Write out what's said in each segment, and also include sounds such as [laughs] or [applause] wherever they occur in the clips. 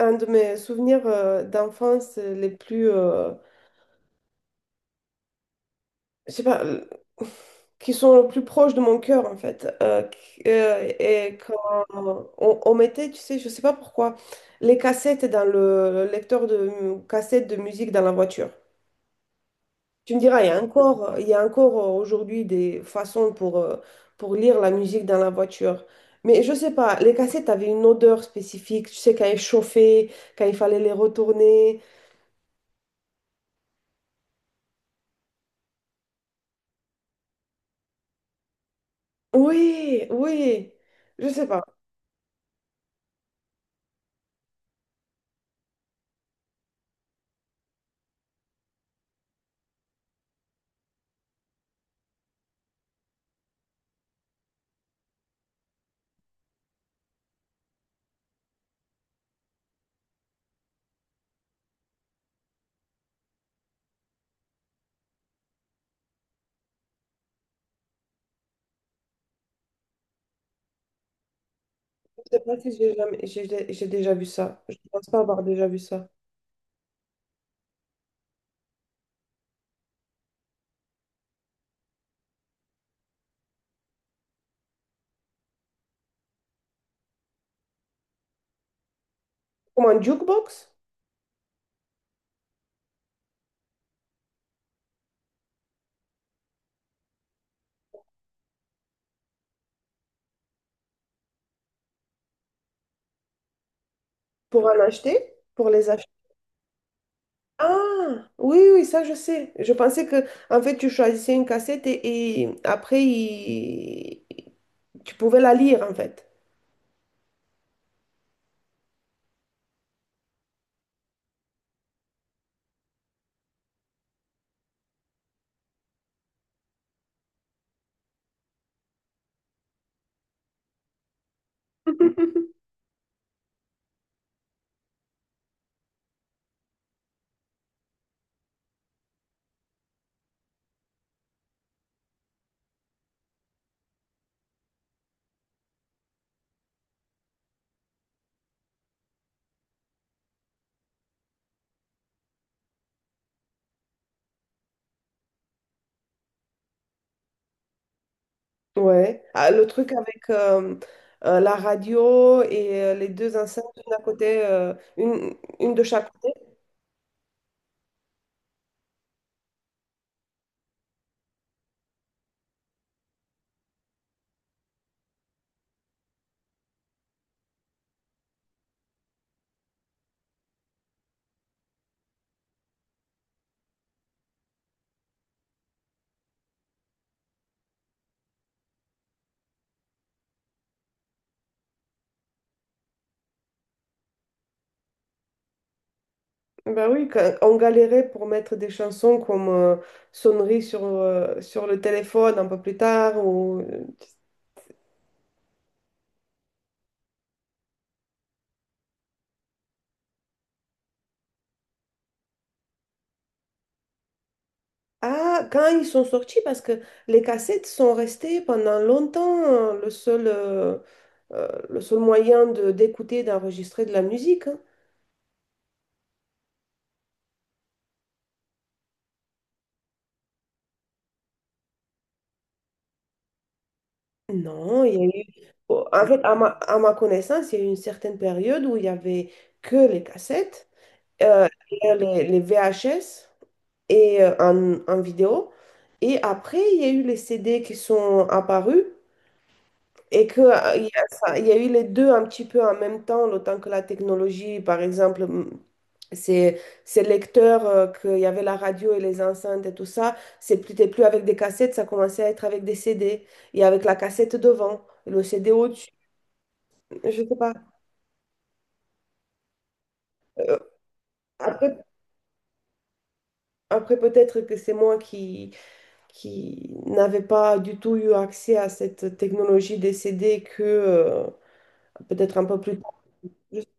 Un de mes souvenirs d'enfance les plus, je sais pas, [laughs] Qui sont les plus proches de mon cœur en fait. Et quand on mettait, tu sais, je sais pas pourquoi, les cassettes dans le lecteur de cassettes de musique dans la voiture. Tu me diras, il y a encore, il y a encore aujourd'hui des façons pour lire la musique dans la voiture. Mais je sais pas, les cassettes avaient une odeur spécifique. Tu sais, quand elles chauffaient, quand il fallait les retourner. Oui, oui. Je sais pas. Je sais pas si j'ai jamais... j'ai déjà vu ça. Je pense pas avoir déjà vu ça. Comme un jukebox pour en acheter, pour les acheter. Ah, oui, oui, ça je sais. Je pensais que en fait tu choisissais une cassette et après tu pouvais la lire en fait. [laughs] Ouais. Ah, le truc avec la radio et les deux enceintes, une à côté, une de chaque. Bah oui, quand on galérait pour mettre des chansons comme sonnerie sur le téléphone un peu plus tard. Ah, quand ils sont sortis, parce que les cassettes sont restées pendant longtemps le seul, le seul moyen d'écouter, d'enregistrer de la musique, hein. Non, il y a eu... oh, En fait, à ma connaissance, il y a eu une certaine période où il y avait que les cassettes, et les VHS. Et en vidéo. Et après, il y a eu les CD qui sont apparus et que, il y a, il y a eu les deux un petit peu en même temps, le temps que la technologie, par exemple, ces, ces lecteurs, qu'il y avait la radio et les enceintes et tout ça, c'était plus avec des cassettes, ça commençait à être avec des CD et avec la cassette devant, le CD au-dessus, je sais pas. Euh, après, après peut-être que c'est moi qui n'avaient pas du tout eu accès à cette technologie des CD que peut-être un peu plus tard, juste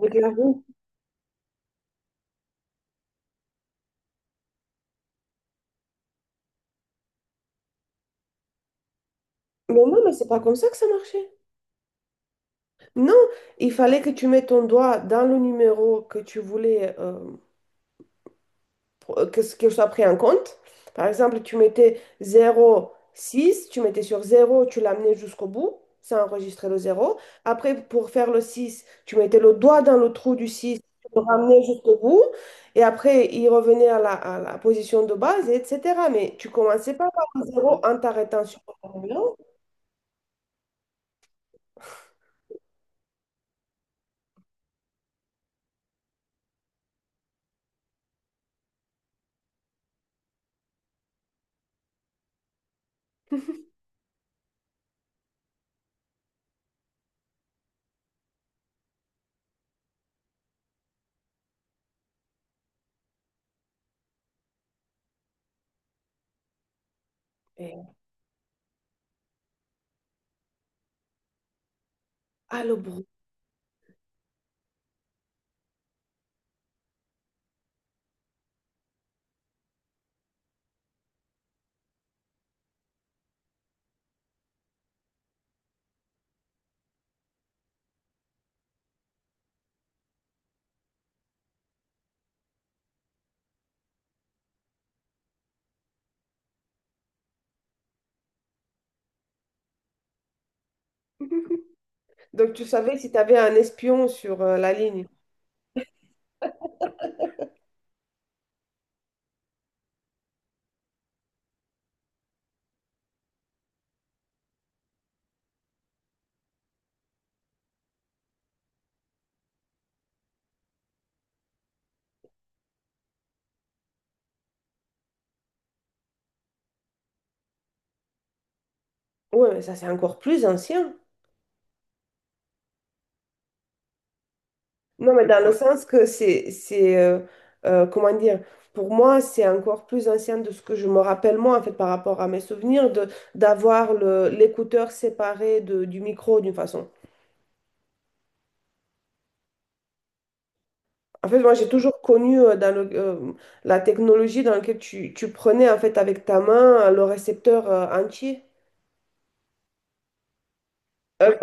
avec la roue. Mais non, mais c'est pas comme ça que ça marchait. Non, il fallait que tu mettes ton doigt dans le numéro que tu voulais que soit pris en compte. Par exemple, tu mettais zéro virgule six, tu mettais sur zéro, tu l'amenais jusqu'au bout, ça enregistrait le zéro. Après, pour faire le 6, tu mettais le doigt dans le trou du six, tu le ramenais jusqu'au bout, et après, il revenait à la position de base, et etc. Mais tu commençais pas par le 0 en t'arrêtant sur le numéro. Et... Ah, le bruit. [laughs] Donc, tu savais si tu avais un espion sur la ligne. Ouais, mais ça, c'est encore plus ancien. Non, mais dans le sens que c'est, comment dire, pour moi, c'est encore plus ancien de ce que je me rappelle moi, en fait, par rapport à mes souvenirs, de d'avoir le, l'écouteur séparé de, du micro, d'une façon. En fait, moi, j'ai toujours connu la technologie dans laquelle tu, tu prenais, en fait, avec ta main, le récepteur entier. Euh,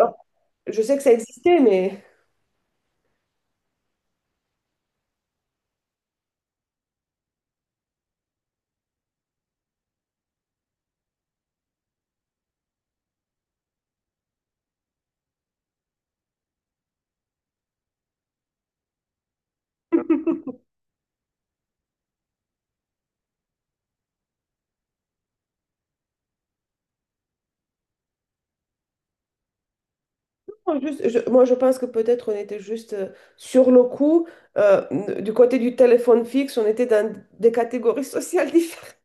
je sais que ça existait, mais... Non, moi, je pense que peut-être on était juste sur le coup. euh, du côté du téléphone fixe, on était dans des catégories sociales différentes.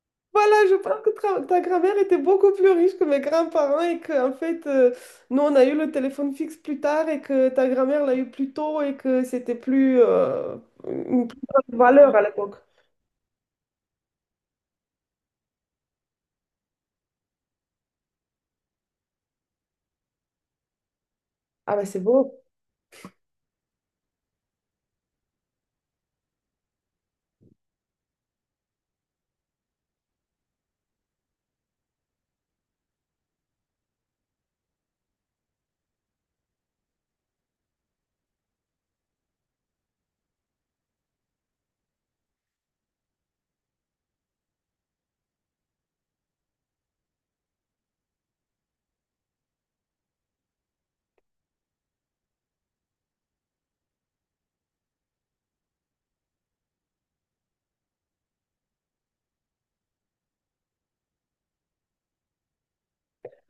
[laughs] Voilà, je pense que ta grand-mère était beaucoup plus riche que mes grands-parents et qu'en fait, nous, on a eu le téléphone fixe plus tard et que ta grand-mère l'a eu plus tôt et que c'était une plus grande valeur à l'époque. Ah, ben c'est beau.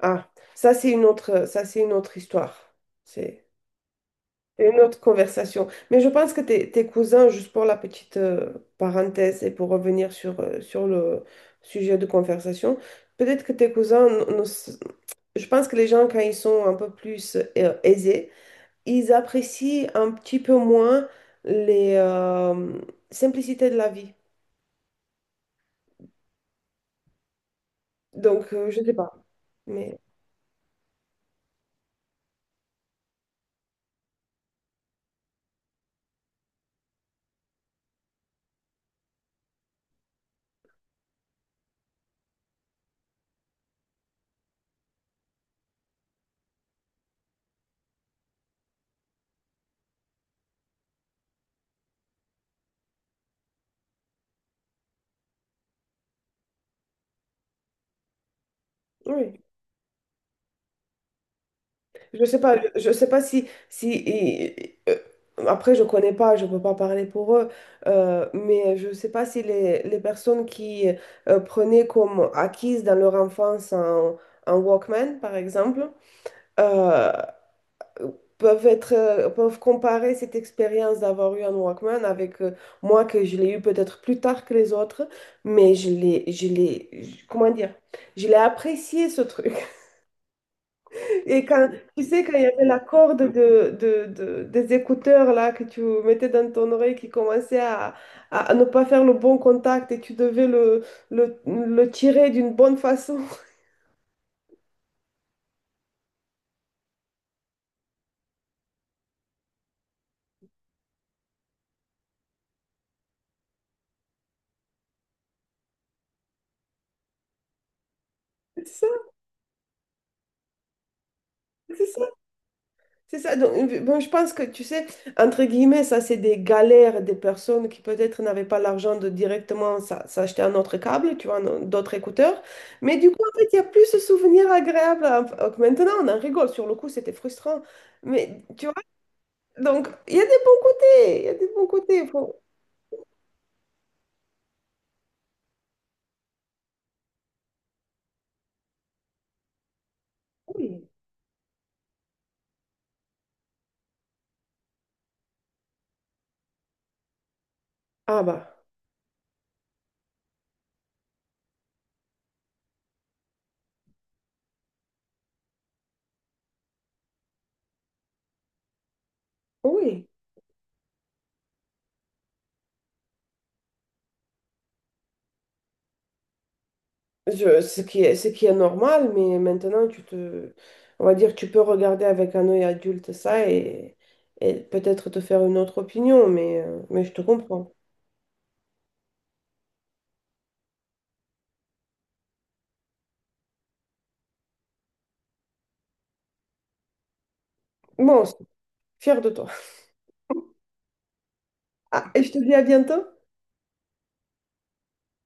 Ah, ça c'est une autre, ça c'est une autre histoire. C'est une autre conversation. Mais je pense que tes, tes cousins, juste pour la petite parenthèse et pour revenir sur le sujet de conversation, peut-être que tes cousins, n- ne s- je pense que les gens, quand ils sont un peu plus aisés, ils apprécient un petit peu moins les simplicités de la vie. Donc, je ne sais pas. Mais oui, je sais pas si, après je connais pas, je peux pas parler pour eux, mais je sais pas si les, les personnes qui prenaient comme acquise dans leur enfance un Walkman, par exemple, euh, peuvent être, peuvent comparer cette expérience d'avoir eu un Walkman avec moi que je l'ai eu peut-être plus tard que les autres, mais je l'ai, comment dire, je l'ai apprécié ce truc. [laughs] Et quand, tu sais, quand il y avait la corde de, des écouteurs là que tu mettais dans ton oreille qui commençait à, à ne pas faire le bon contact et tu devais le tirer d'une bonne façon. [laughs] C'est ça, c'est ça. C'est ça. Donc, bon, je pense que, tu sais, entre guillemets, ça, c'est des galères des personnes qui peut-être n'avaient pas l'argent de directement s'acheter un autre câble, tu vois, d'autres écouteurs. Mais du coup, en fait, il y a plus ce souvenir agréable. À- que Maintenant, on en rigole. Sur le coup, c'était frustrant. Mais, tu vois, donc, il y a des bons côtés. Il y a des bons côtés. Faut- Oui. Ah bah, oui. Ce qui est, ce qui est normal, mais maintenant, tu te, on va dire, tu peux regarder avec un œil adulte ça et peut-être te faire une autre opinion, mais je te comprends. Bon, fier de toi. Ah, et je te dis à bientôt.